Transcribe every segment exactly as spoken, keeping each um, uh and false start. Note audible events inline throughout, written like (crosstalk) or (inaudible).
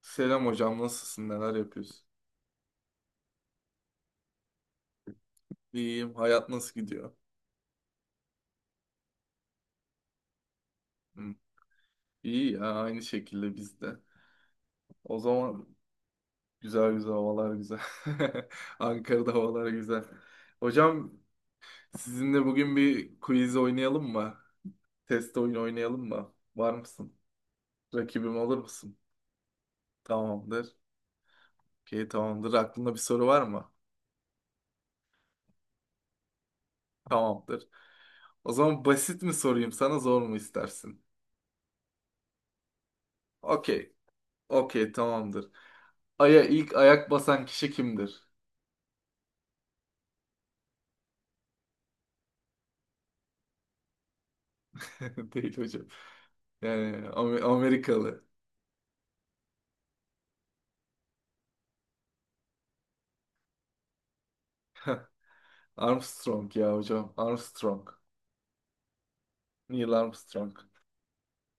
Selam hocam, nasılsın? Neler yapıyorsun? İyiyim. Hayat nasıl gidiyor? Hı. İyi ya, aynı şekilde bizde. O zaman güzel güzel havalar güzel. (laughs) Ankara'da havalar güzel. Hocam, sizinle bugün bir quiz oynayalım mı? Test oyunu oynayalım mı? Var mısın? Rakibim olur musun? Tamamdır. Okey, tamamdır. Aklında bir soru var mı? Tamamdır. O zaman basit mi sorayım sana, zor mu istersin? Okey. Okey, tamamdır. Ay'a ilk ayak basan kişi kimdir? (laughs) Değil hocam. Yani Amer- Amerikalı. Armstrong ya hocam. Armstrong. Neil Armstrong.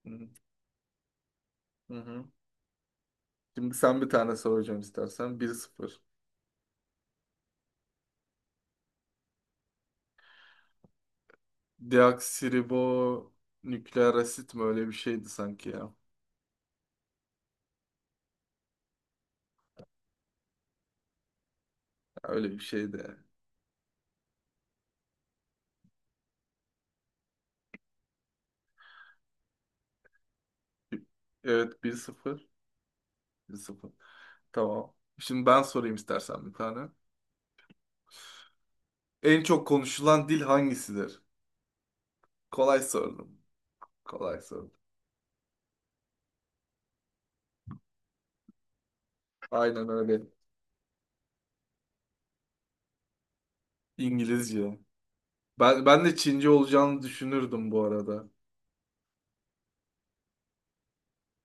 Hı hı. Hı. Şimdi sen bir tane sor hocam istersen. Bir sıfır. Deoksiribo nükleer asit mi? Öyle bir şeydi sanki ya. Öyle bir şeydi. Evet, bir sıfır bir sıfır. Tamam. Şimdi ben sorayım istersen bir tane. En çok konuşulan dil hangisidir? Kolay sordum. Kolay sordum. Aynen öyle. İngilizce. Ben, ben de Çince olacağını düşünürdüm bu arada.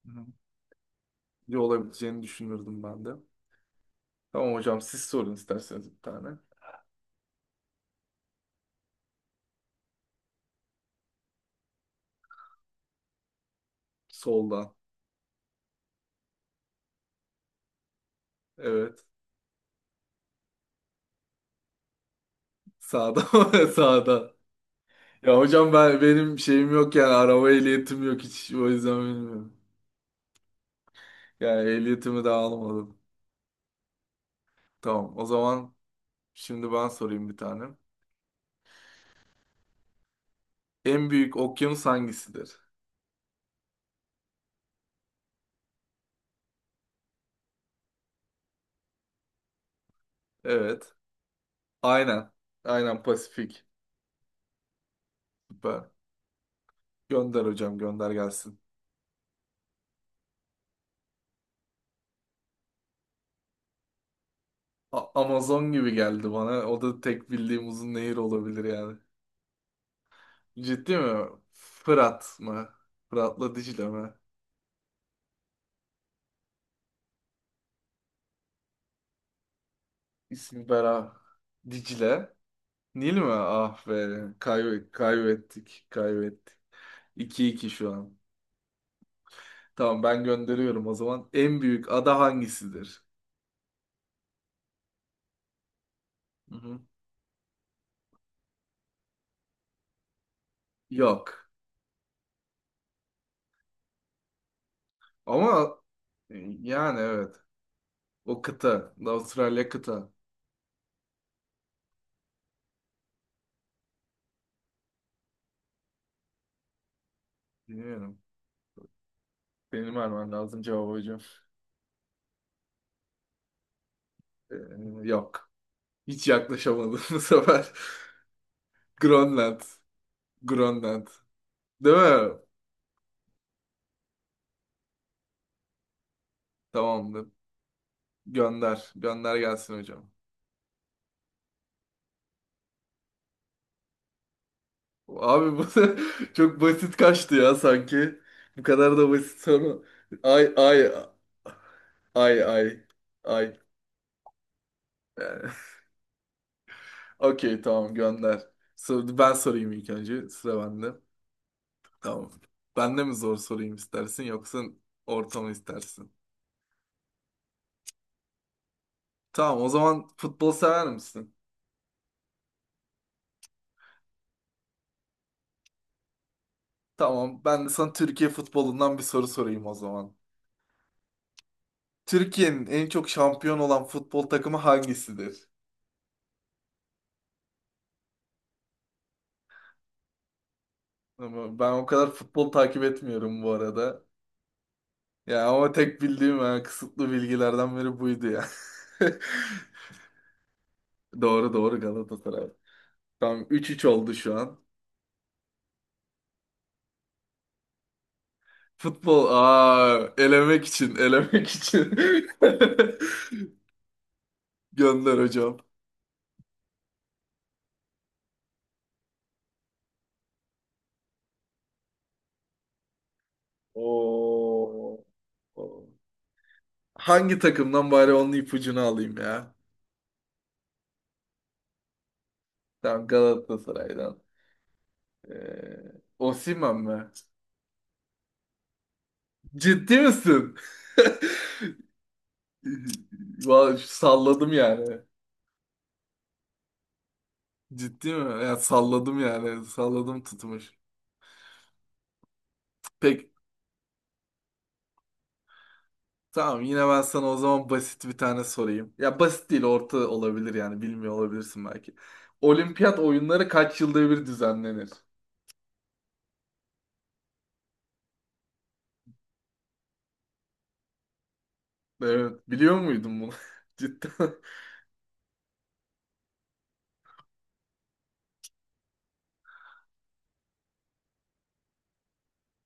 Hı. Ne olabileceğini düşünürdüm ben de. Tamam hocam siz sorun isterseniz bir tane. Soldan. Evet. Sağdan. (laughs) Sağdan. Ya hocam ben benim şeyim yok, yani araba ehliyetim yok hiç, o yüzden bilmiyorum. Yani ehliyetimi de almadım. Tamam, o zaman şimdi ben sorayım bir tane. En büyük okyanus hangisidir? Evet. Aynen. Aynen Pasifik. Süper. Gönder hocam, gönder gelsin. A- Amazon gibi geldi bana. O da tek bildiğim uzun nehir olabilir yani. Ciddi mi? Fırat mı? Fırat'la Dicle mi? İsmi Bera. Dicle. Nil mi? Ah be. Kaybe kaybettik. Kaybettik. iki iki şu an. Tamam ben gönderiyorum o zaman. En büyük ada hangisidir? Hı hı. Yok. Ama e, yani evet. O kıta. Avustralya kıta. Bilmiyorum. Benim vermem lazım cevabı hocam. Ee, yok. Hiç yaklaşamadım (laughs) bu sefer. Grönland. Grönland. Değil mi? Tamamdır. Gönder. Gönder gelsin hocam. Abi bu (laughs) çok basit kaçtı ya sanki. Bu kadar da basit soru. Ay ay ay ay ay. Yani, (laughs) okey tamam gönder. So- Ben sorayım ilk önce. Sıra bende. Tamam. Ben de mi zor sorayım istersin, yoksa ortamı istersin? Tamam, o zaman futbol sever misin? Tamam, ben de sana Türkiye futbolundan bir soru sorayım o zaman. Türkiye'nin en çok şampiyon olan futbol takımı hangisidir? Ama ben o kadar futbol takip etmiyorum bu arada. Ya ama tek bildiğim, yani kısıtlı bilgilerden biri buydu ya. (laughs) Doğru doğru Galatasaray. Tamam, üç üç oldu şu an. Futbol aa elemek için elemek için. (laughs) Gönder hocam. Oo. Oo. Hangi takımdan bari onun ipucunu alayım ya? Tamam Galatasaray'dan. Ee, Osimhen mi? Ciddi misin? (laughs) Vallahi salladım yani. Ciddi mi? Ya salladım yani. Salladım tutmuş. Peki. Tamam, yine ben sana o zaman basit bir tane sorayım. Ya basit değil, orta olabilir, yani bilmiyor olabilirsin belki. Olimpiyat oyunları kaç yılda bir düzenlenir? Evet, biliyor muydun bunu? (laughs) Cidden.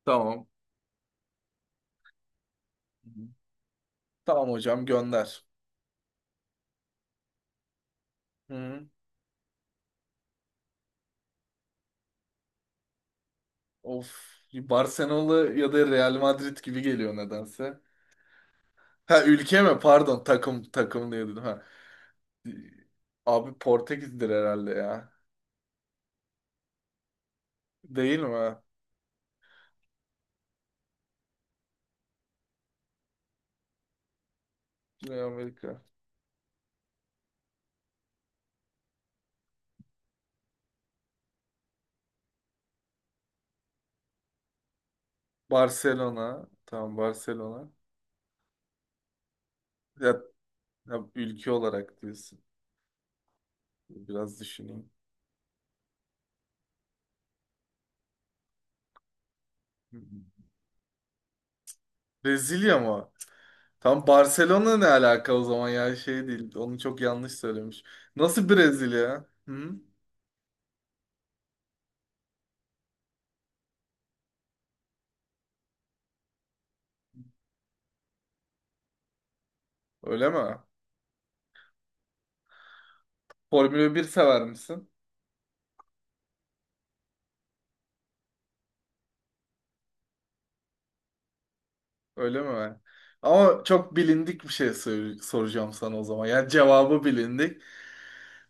Tamam. Tamam hocam gönder. Hı. Of. Barcelona ya da Real Madrid gibi geliyor nedense. Ha, ülke mi? Pardon, takım takım diye dedim ha. Abi Portekiz'dir herhalde ya. Değil mi? Güney Amerika. Barcelona. Tamam Barcelona. Ya, ya ülke olarak diyorsun. Biraz düşüneyim. Hı hı. Brezilya mı? Tam Barcelona ne alaka o zaman ya, şey değil. Onu çok yanlış söylemiş. Nasıl Brezilya? Hı? Öyle mi? Formula bir sever misin? Öyle mi? Ama çok bilindik bir şey sor- soracağım sana o zaman. Yani cevabı bilindik.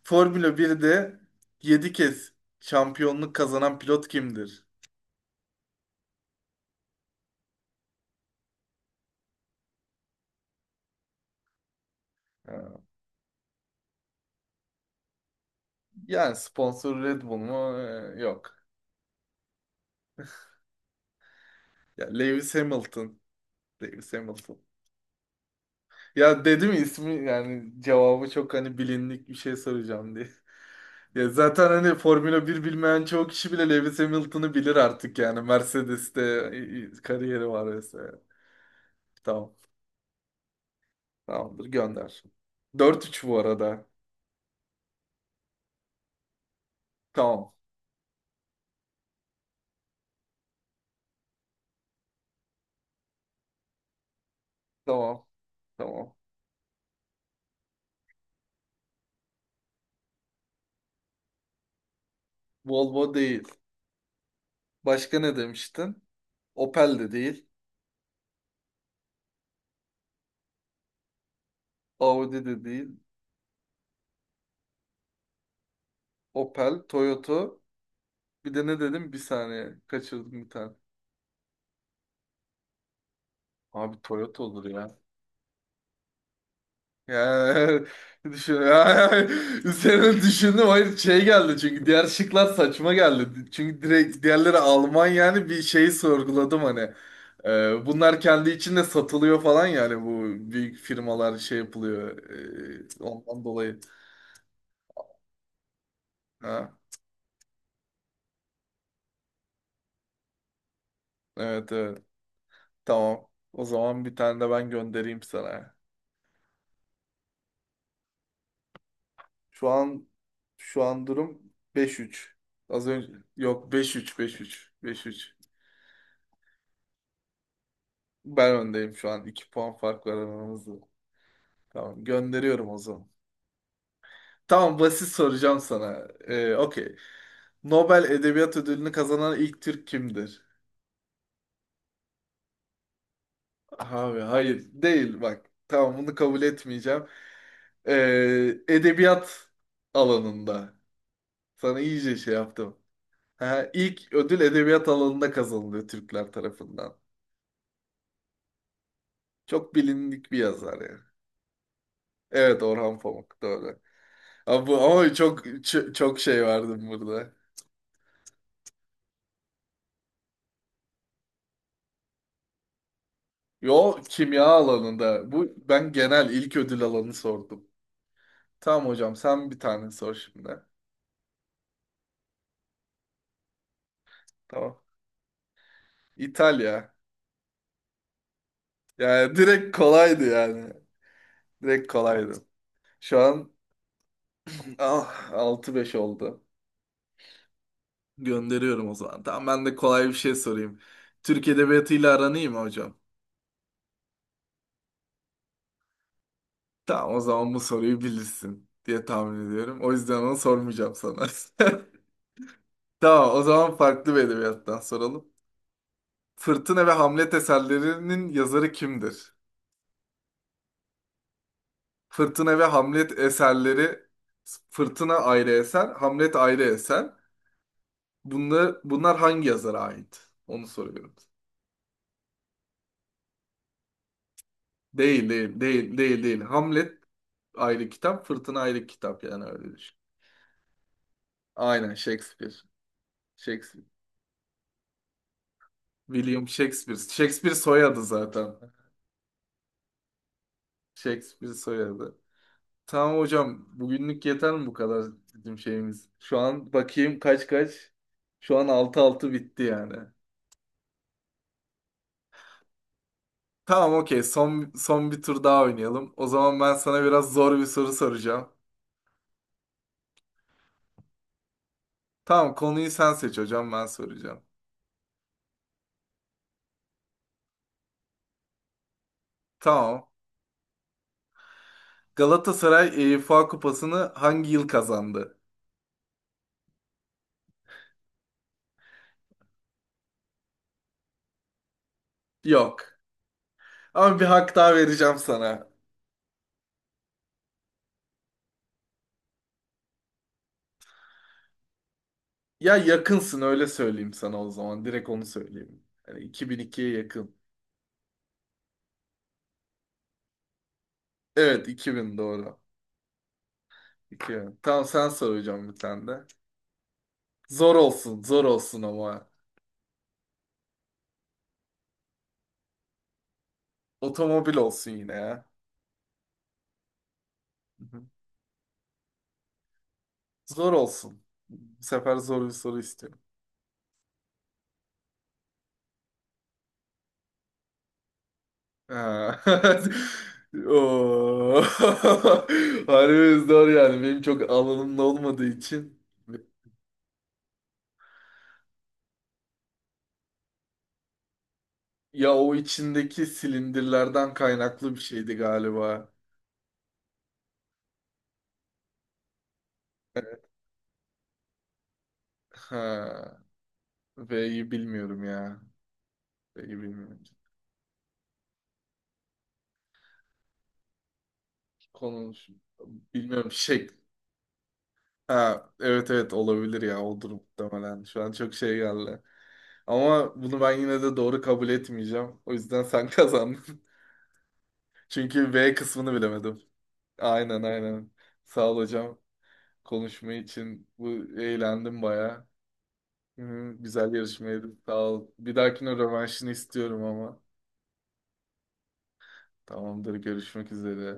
Formula birde yedi kez şampiyonluk kazanan pilot kimdir? Ha, yani sponsor Red Bull mu? Ee, Yok. Ya Lewis Hamilton. Lewis Hamilton. Ya dedim ya, ismi, yani cevabı çok hani bilindik bir şey soracağım diye. (laughs) Ya zaten hani Formula bir bilmeyen çoğu kişi bile Lewis Hamilton'ı bilir artık yani. Mercedes'te e, e, kariyeri var vesaire. Tamam. Tamamdır gönder. Dört üç bu arada. Tamam. Tamam. Tamam. Volvo değil. Başka ne demiştin? Opel de değil. Audi de değil. Opel, Toyota. Bir de ne dedim? Bir saniye. Kaçırdım bir tane. Abi Toyota olur ya. Yani, (laughs) düşün, (laughs) yani, üzerine düşündüm. Hayır şey geldi, çünkü diğer şıklar saçma geldi. Çünkü direkt diğerleri Alman, yani bir şeyi sorguladım hani. Ee, bunlar kendi içinde satılıyor falan, yani bu büyük firmalar şey yapılıyor. ee, ondan dolayı. Ha, evet evet, tamam. O zaman bir tane de ben göndereyim sana. Şu an şu an durum beş üç. Az önce yok, beş üç beş üç beş üç. Ben öndeyim şu an. iki puan fark var aramızda. Tamam gönderiyorum o zaman. Tamam basit soracağım sana. Ee, okey. Nobel Edebiyat Ödülünü kazanan ilk Türk kimdir? Abi hayır değil bak. Tamam bunu kabul etmeyeceğim. Ee, edebiyat alanında. Sana iyice şey yaptım. Ha, ilk ödül edebiyat alanında kazanılıyor Türkler tarafından. Çok bilindik bir yazar yani. Evet, Orhan Pamuk doğru. Ama, bu, ama çok ç- çok şey verdim burada. Yo, kimya alanında. Bu, ben genel ilk ödül alanı sordum. Tamam hocam sen bir tane sor şimdi. Tamam. İtalya. Yani direkt kolaydı yani. Direkt kolaydı. Şu an ah, altı beş oldu. Gönderiyorum o zaman. Tamam ben de kolay bir şey sorayım. Türk edebiyatıyla aran iyi mi hocam? Tamam o zaman bu soruyu bilirsin diye tahmin ediyorum. O yüzden onu sormayacağım sana. (laughs) Tamam o zaman farklı bir edebiyattan soralım. Fırtına ve Hamlet eserlerinin yazarı kimdir? Fırtına ve Hamlet eserleri. Fırtına ayrı eser, Hamlet ayrı eser. Bunlar, bunlar hangi yazara ait? Onu soruyorum. Değil, değil, değil, değil, değil. Hamlet ayrı kitap, Fırtına ayrı kitap, yani öyle düşün. Aynen Shakespeare. Shakespeare. William Shakespeare. Shakespeare soyadı zaten. Shakespeare soyadı. Tamam hocam, bugünlük yeter mi bu kadar bizim şeyimiz? Şu an bakayım kaç kaç. Şu an altı altı bitti yani. Tamam okey, son, son bir tur daha oynayalım. O zaman ben sana biraz zor bir soru soracağım. Tamam konuyu sen seç hocam, ben soracağım. Tamam. Galatasaray UEFA Kupası'nı hangi yıl kazandı? Yok. Ama bir hak daha vereceğim sana. Ya yakınsın, öyle söyleyeyim sana o zaman. Direkt onu söyleyeyim. Yani iki bin ikiye yakın. Evet, iki bin doğru. iki bin. Tamam sen sor hocam bir tane de. Zor olsun zor olsun ama. Otomobil olsun yine ya. Hı hı. Zor olsun. Bu sefer zor bir soru istiyorum. Ha. (laughs) Oo. (laughs) Harbi zor yani. Benim çok alanımda olmadığı için. Ya o içindeki silindirlerden kaynaklı bir şeydi galiba. Ha. V'yi bilmiyorum ya. V'yi bilmiyorum. Konu bilmiyorum şey. Ha, evet evet olabilir ya o muhtemelen. Şu an çok şey geldi. Ama bunu ben yine de doğru kabul etmeyeceğim. O yüzden sen kazandın. (laughs) Çünkü V kısmını bilemedim. Aynen aynen. Sağ ol hocam. Konuşma için bu, eğlendim bayağı. Hı, güzel yarışmaydı. Sağ ol. Bir dahakine rövanşını istiyorum ama. Tamamdır. Görüşmek üzere.